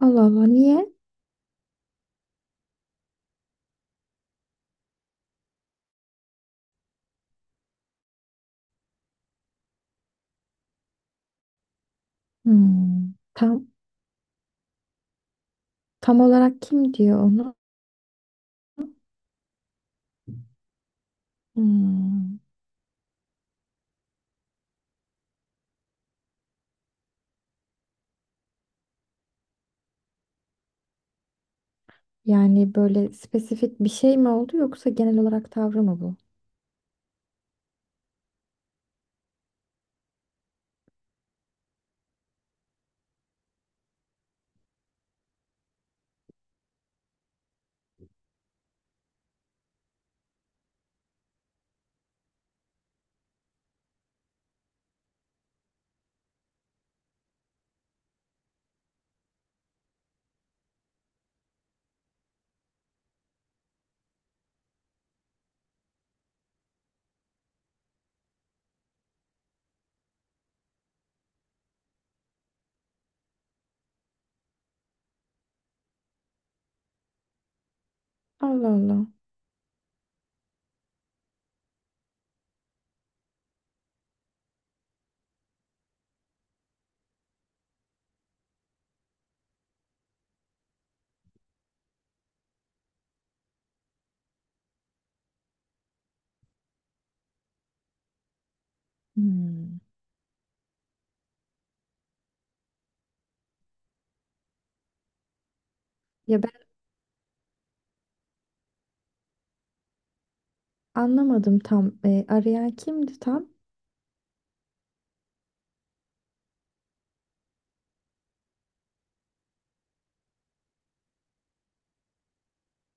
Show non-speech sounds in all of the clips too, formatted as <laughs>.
Allah Allah niye? Hmm, Tam tam olarak kim diyor onu? Hmm, Yani böyle spesifik bir şey mi oldu yoksa genel olarak tavrı mı bu? Allah Allah. Hmm. Ya ben anlamadım tam. E, arayan kimdi tam?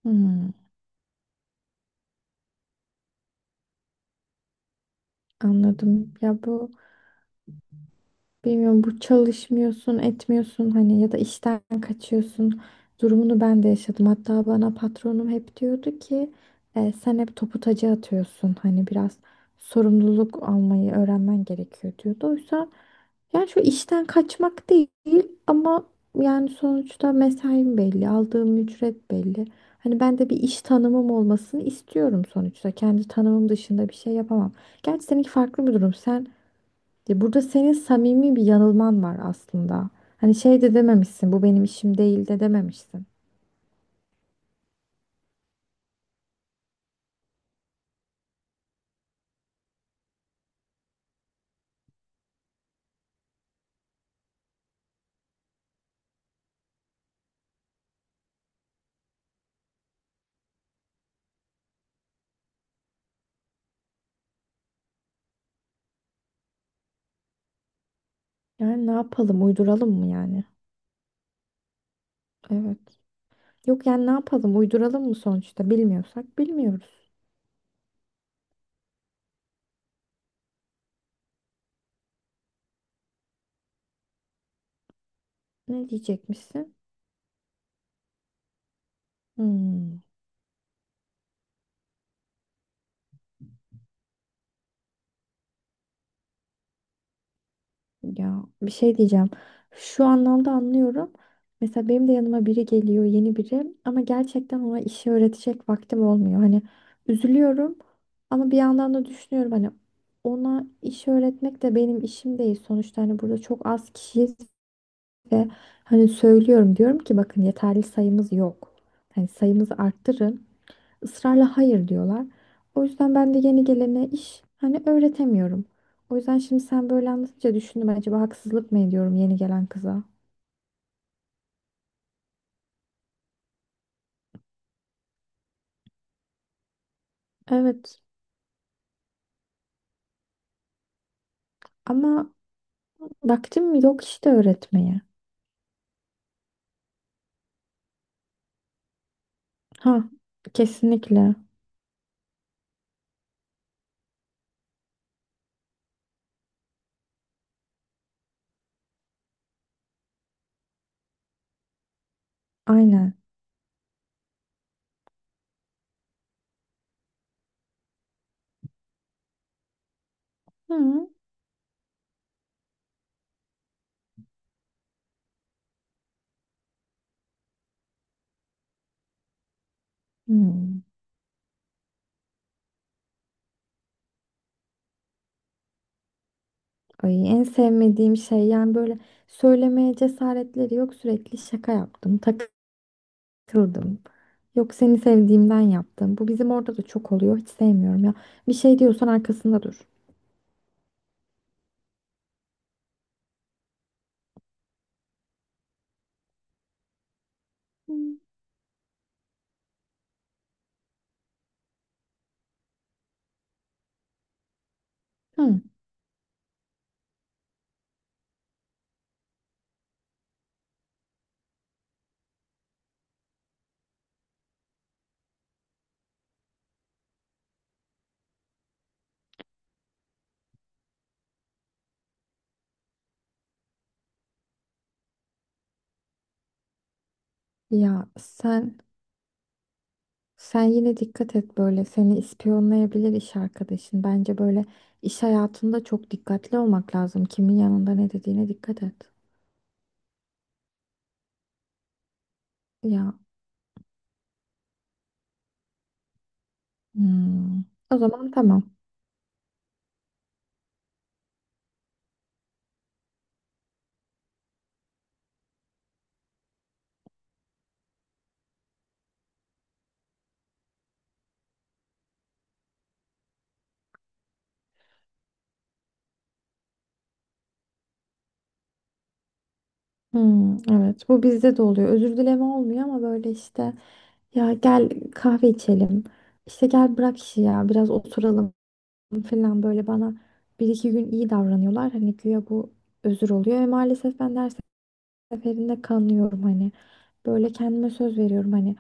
Hmm, Anladım. Ya bu Bilmiyorum, bu çalışmıyorsun, etmiyorsun, hani ya da işten kaçıyorsun durumunu ben de yaşadım. Hatta bana patronum hep diyordu ki "E, sen hep topu taca atıyorsun. Hani biraz sorumluluk almayı öğrenmen gerekiyor," diyordu. Oysa yani şu işten kaçmak değil ama yani sonuçta mesaim belli, aldığım ücret belli. Hani ben de bir iş tanımım olmasını istiyorum sonuçta. Kendi tanımım dışında bir şey yapamam. Gerçi seninki farklı bir durum. Sen, ya burada senin samimi bir yanılman var aslında. Hani şey de dememişsin, bu benim işim değil de dememişsin. Yani ne yapalım, uyduralım mı yani? Evet. Yok yani ne yapalım, uyduralım mı sonuçta? Bilmiyorsak bilmiyoruz. Ne diyecekmişsin? Hmm. Ya bir şey diyeceğim. Şu anlamda anlıyorum. Mesela benim de yanıma biri geliyor, yeni biri ama gerçekten ona işi öğretecek vaktim olmuyor. Hani üzülüyorum ama bir yandan da düşünüyorum hani ona iş öğretmek de benim işim değil sonuçta, hani burada çok az kişiyiz ve hani söylüyorum, diyorum ki bakın yeterli sayımız yok. Hani sayımızı arttırın, ısrarla hayır diyorlar. O yüzden ben de yeni gelene iş hani öğretemiyorum. O yüzden şimdi sen böyle anlatınca düşündüm, acaba haksızlık mı ediyorum yeni gelen kıza? Evet ama vaktim yok işte öğretmeye. Ha, kesinlikle, aynen. Hı. Hmm. Ay, en sevmediğim şey yani böyle, söylemeye cesaretleri yok, sürekli şaka yaptım, takıldım. Yok, seni sevdiğimden yaptım. Bu bizim orada da çok oluyor. Hiç sevmiyorum ya. Bir şey diyorsan arkasında dur. Hı. Hı. Ya sen yine dikkat et, böyle seni ispiyonlayabilir iş arkadaşın. Bence böyle iş hayatında çok dikkatli olmak lazım. Kimin yanında ne dediğine dikkat et. Ya, hmm. O zaman tamam. Hmm, evet, bu bizde de oluyor. Özür dileme olmuyor ama böyle işte, ya gel kahve içelim. İşte gel bırak işi ya, biraz oturalım falan, böyle bana bir iki gün iyi davranıyorlar. Hani güya bu özür oluyor ve maalesef ben ders seferinde kanıyorum hani. Böyle kendime söz veriyorum hani,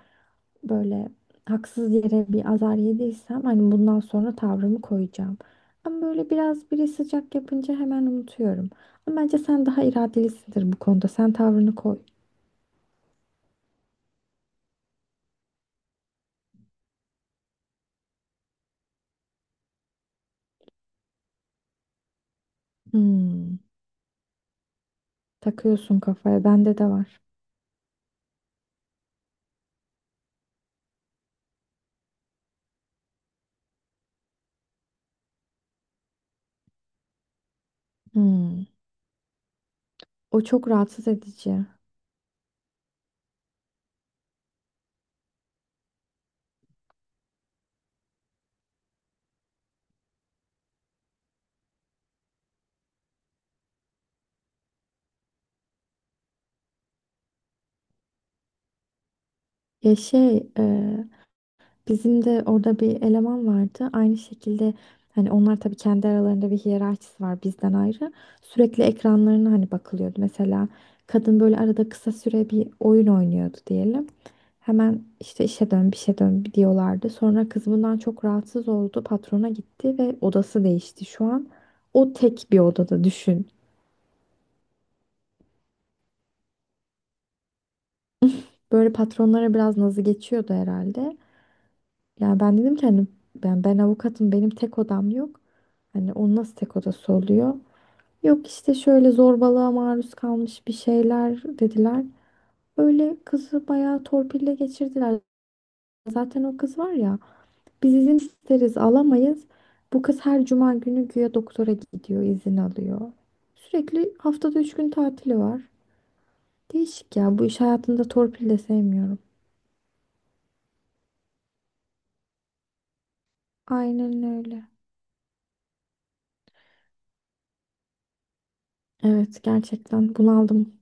böyle haksız yere bir azar yediysem hani bundan sonra tavrımı koyacağım. Ama böyle biraz biri sıcak yapınca hemen unutuyorum. Ama bence sen daha iradelisindir bu konuda. Sen tavrını koy. Hmm, takıyorsun kafaya. Bende de var. Hmm, o çok rahatsız edici. Ya şey, e, Bizim de orada bir eleman vardı. Aynı şekilde hani onlar tabii kendi aralarında bir hiyerarşisi var bizden ayrı. Sürekli ekranlarına hani bakılıyordu. Mesela kadın böyle arada kısa süre bir oyun oynuyordu diyelim. Hemen işte işe dön, bir şey dön diyorlardı. Sonra kız bundan çok rahatsız oldu. Patrona gitti ve odası değişti şu an. O tek bir odada, düşün. Böyle patronlara biraz nazı geçiyordu herhalde. Yani ben dedim ki hani ben avukatım, benim tek odam yok. Hani onun nasıl tek odası oluyor? Yok, işte şöyle zorbalığa maruz kalmış bir şeyler dediler. Öyle kızı bayağı torpille geçirdiler. Zaten o kız var ya, biz izin isteriz alamayız. Bu kız her cuma günü güya doktora gidiyor, izin alıyor. Sürekli haftada 3 gün tatili var. Değişik ya, bu iş hayatında torpil de sevmiyorum. Aynen öyle. Evet, gerçekten bunaldım.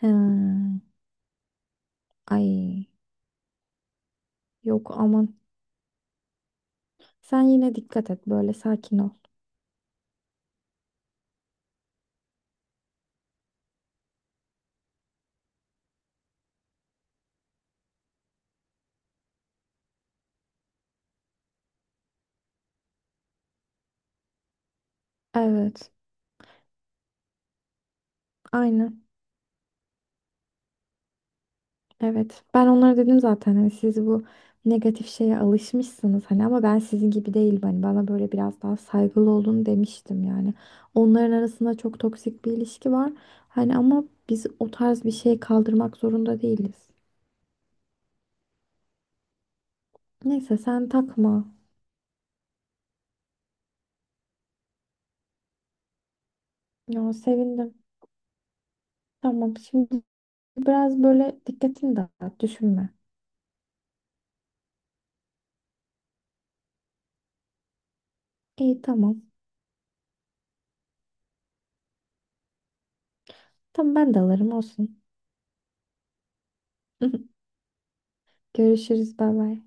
He. Ay. Yok aman. Sen yine dikkat et, böyle sakin ol. Evet. Aynen. Evet. Ben onlara dedim zaten hani siz bu negatif şeye alışmışsınız hani, ama ben sizin gibi değilim, hani bana böyle biraz daha saygılı olun demiştim yani. Onların arasında çok toksik bir ilişki var. Hani ama biz o tarz bir şey kaldırmak zorunda değiliz. Neyse, sen takma. Ya, sevindim. Tamam, şimdi biraz böyle dikkatini dağıt, düşünme. İyi, tamam. Tamam, ben de alırım, olsun. <laughs> Görüşürüz. Bay bay.